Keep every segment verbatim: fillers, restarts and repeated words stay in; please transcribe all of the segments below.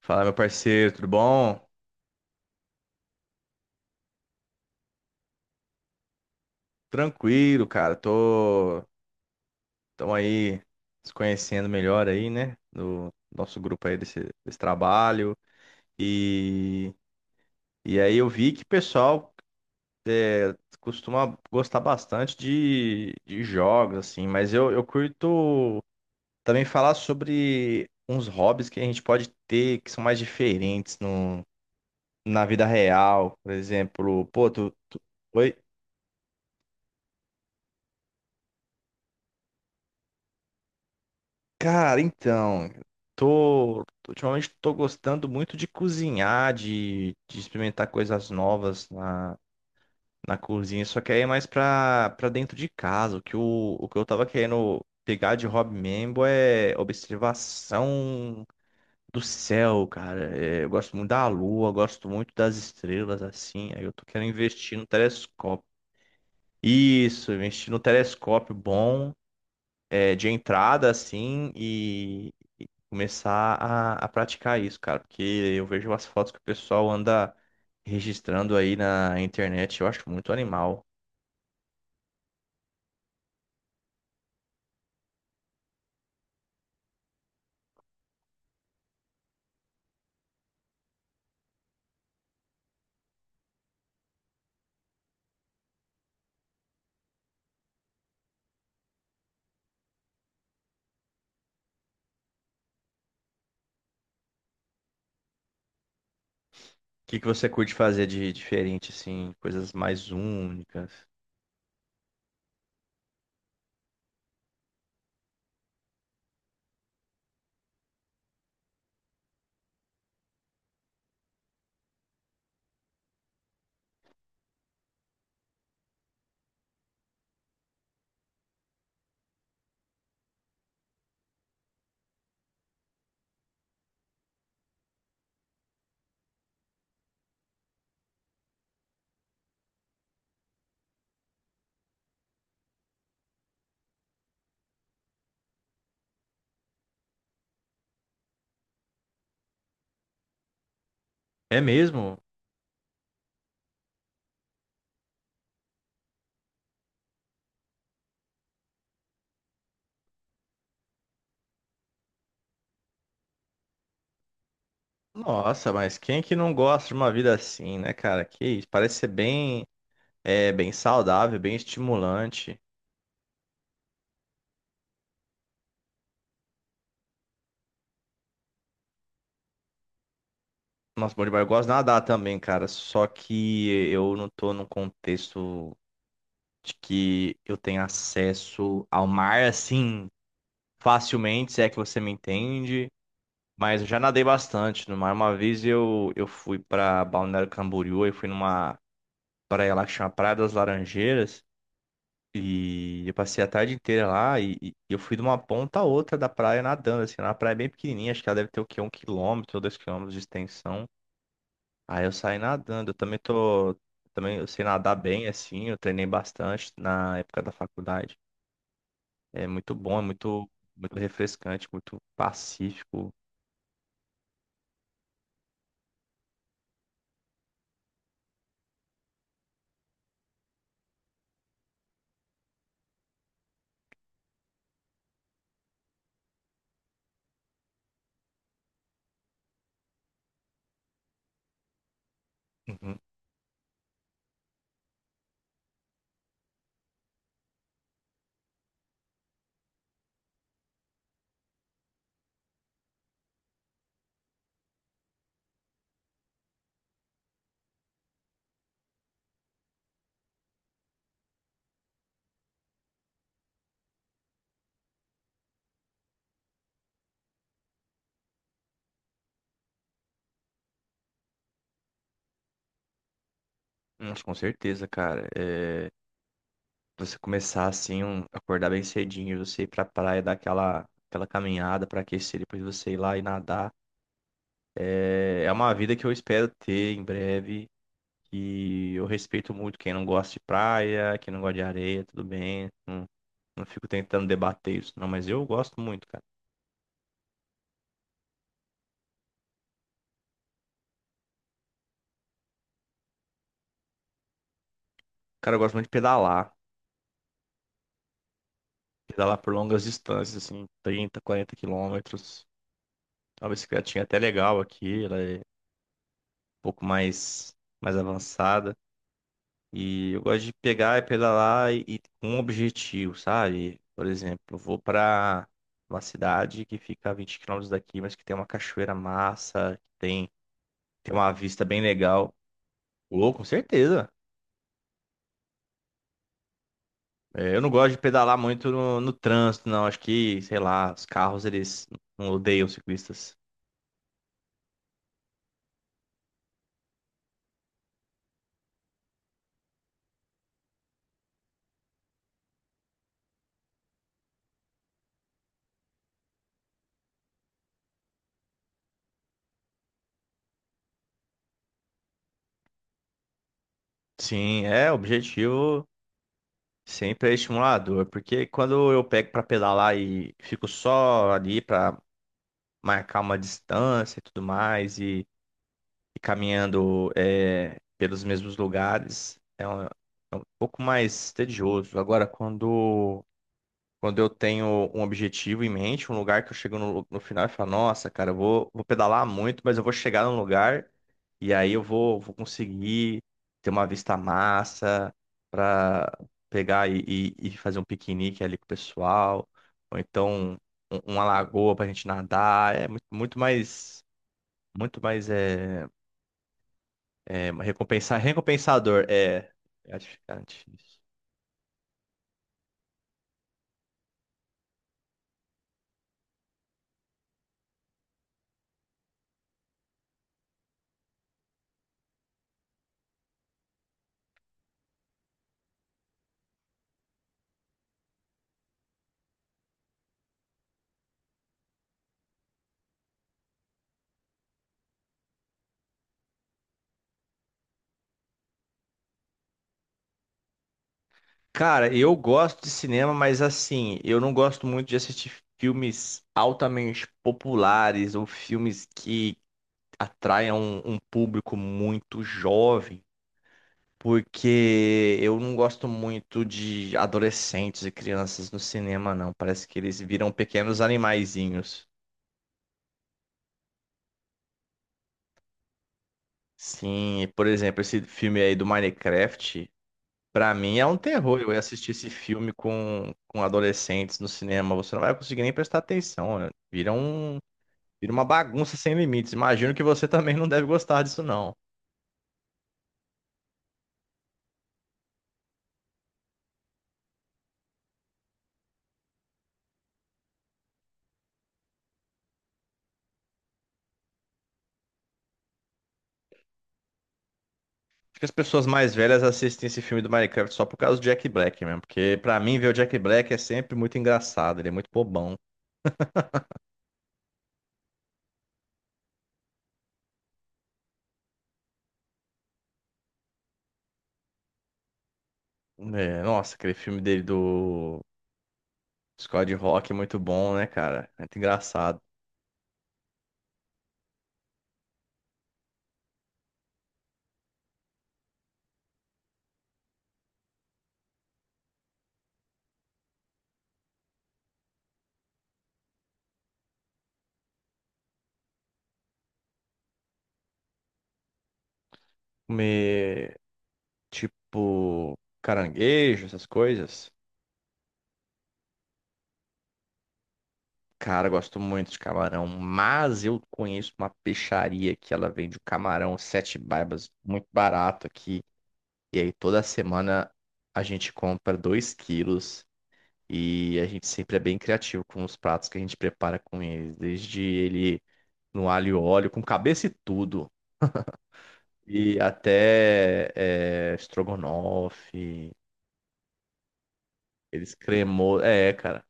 Fala, meu parceiro, tudo bom? Tranquilo, cara. Tô, tamo aí se conhecendo melhor aí, né? No nosso grupo aí desse, desse trabalho. E, e aí eu vi que o pessoal é, costuma gostar bastante de, de jogos, assim, mas eu, eu curto também falar sobre uns hobbies que a gente pode ter que são mais diferentes no, na vida real. Por exemplo, pô, tu, tu- Oi? Cara, então, tô, ultimamente tô gostando muito de cozinhar, de, de experimentar coisas novas na, na cozinha, só que aí é mais pra, pra dentro de casa. O que, eu- o que eu tava querendo pegar de hobby mesmo é observação do céu, cara. É, eu gosto muito da lua, eu gosto muito das estrelas, assim. Aí eu tô querendo investir no telescópio. Isso, investir no telescópio bom, é, de entrada, assim, começar a, a praticar isso, cara, porque eu vejo as fotos que o pessoal anda registrando aí na internet, eu acho muito animal. O que que você curte fazer de diferente, assim, coisas mais únicas? É mesmo? Nossa, mas quem é que não gosta de uma vida assim, né, cara? Que isso, parece ser bem, é, bem saudável, bem estimulante. Nossa, bom demais. Eu gosto de nadar também, cara, só que eu não tô num contexto de que eu tenha acesso ao mar assim facilmente, se é que você me entende. Mas eu já nadei bastante no mar. Uma vez eu, eu fui pra Balneário Camboriú, eu fui numa praia lá que chama Praia das Laranjeiras. E eu passei a tarde inteira lá e, e eu fui de uma ponta a outra da praia nadando, assim, era uma praia bem pequenininha, acho que ela deve ter o quê? Um quilômetro ou dois quilômetros de extensão. Aí eu saí nadando, eu também tô, também eu sei nadar bem, assim, eu treinei bastante na época da faculdade. É muito bom, é muito, muito refrescante, muito pacífico. Uhum. Nossa, com certeza, cara. É, você começar assim, um- acordar bem cedinho, você ir pra praia, dar aquela, aquela caminhada pra aquecer, depois você ir lá e nadar. É, é uma vida que eu espero ter em breve. E eu respeito muito quem não gosta de praia, quem não gosta de areia, tudo bem. Não, não fico tentando debater isso, não, mas eu gosto muito, cara. Cara, eu gosto muito de pedalar. Pedalar por longas distâncias, assim, trinta quarenta quilômetros. A bicicletinha é até legal aqui, ela é um pouco mais, mais avançada. E eu gosto de pegar e pedalar e, e com um objetivo, sabe? Por exemplo, eu vou pra uma cidade que fica a vinte quilômetros daqui, mas que tem uma cachoeira massa, que tem, tem uma vista bem legal. Louco, com certeza. É, eu não gosto de pedalar muito no, no trânsito, não. Acho que, sei lá, os carros eles não odeiam ciclistas. Sim, é, o objetivo sempre é estimulador, porque quando eu pego pra pedalar e fico só ali pra marcar uma distância e tudo mais e caminhando é, pelos mesmos lugares é um pouco mais tedioso. Agora, quando, quando eu tenho um objetivo em mente, um lugar que eu chego no, no final e falo, nossa, cara, eu vou, vou pedalar muito, mas eu vou chegar num lugar e aí eu vou, vou conseguir ter uma vista massa para pegar e, e- e fazer um piquenique ali com o pessoal, ou então um- uma lagoa pra gente nadar, é muito, muito mais, muito mais é, é, recompensar, recompensador, é. Gratificante. Isso. Cara, eu gosto de cinema, mas assim, eu não gosto muito de assistir filmes altamente populares ou filmes que atraiam um, um público muito jovem, porque eu não gosto muito de adolescentes e crianças no cinema, não. Parece que eles viram pequenos animaizinhos. Sim, por exemplo, esse filme aí do Minecraft. Pra mim é um terror, eu ia assistir esse filme com, com adolescentes no cinema. Você não vai conseguir nem prestar atenção, né? Vira um, vira uma bagunça sem limites. Imagino que você também não deve gostar disso, não. Acho que as pessoas mais velhas assistem esse filme do Minecraft só por causa do Jack Black mesmo. Porque pra mim ver o Jack Black é sempre muito engraçado. Ele é muito bobão. É, nossa, aquele filme dele do Scott Rock é muito bom, né, cara? É muito engraçado. Comer, tipo, caranguejo, essas coisas. Cara, eu gosto muito de camarão, mas eu conheço uma peixaria que ela vende o camarão sete baibas muito barato aqui. E aí toda semana a gente compra dois quilos e a gente sempre é bem criativo com os pratos que a gente prepara com eles, desde ele no alho e óleo, com cabeça e tudo, e até é, estrogonofe, eles cremou, é, cara.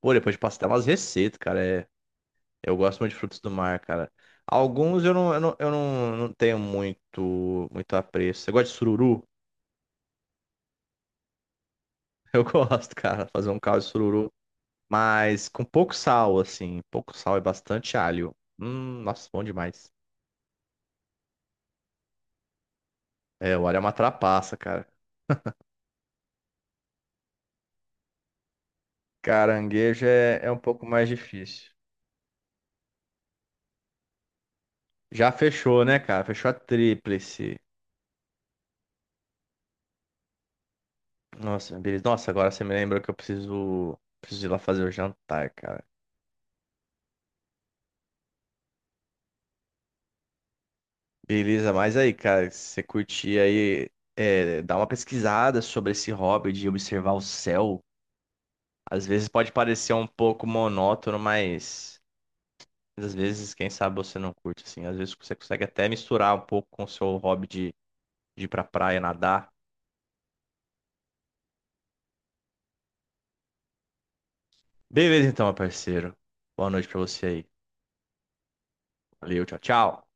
Pô, depois de passar umas receitas, cara. É eu gosto muito de frutos do mar, cara. Alguns eu não, eu não, eu não, não tenho muito, muito apreço. Você gosta de sururu? Eu gosto, cara, fazer um caldo de sururu. Mas com pouco sal, assim. Pouco sal e bastante alho. Hum, nossa, bom demais. É, o alho é uma trapaça, cara. Caranguejo é, é um pouco mais difícil. Já fechou, né, cara? Fechou a tríplice. Nossa, beleza. Nossa, agora você me lembrou que eu preciso, preciso ir lá fazer o jantar, cara. Beleza, mas aí, cara, se você curtir aí, é, dá uma pesquisada sobre esse hobby de observar o céu. Às vezes pode parecer um pouco monótono, mas às vezes, quem sabe você não curte, assim. Às vezes você consegue até misturar um pouco com o seu hobby de, de ir pra praia nadar. Beleza, então, meu parceiro. Boa noite pra você aí. Valeu, tchau, tchau.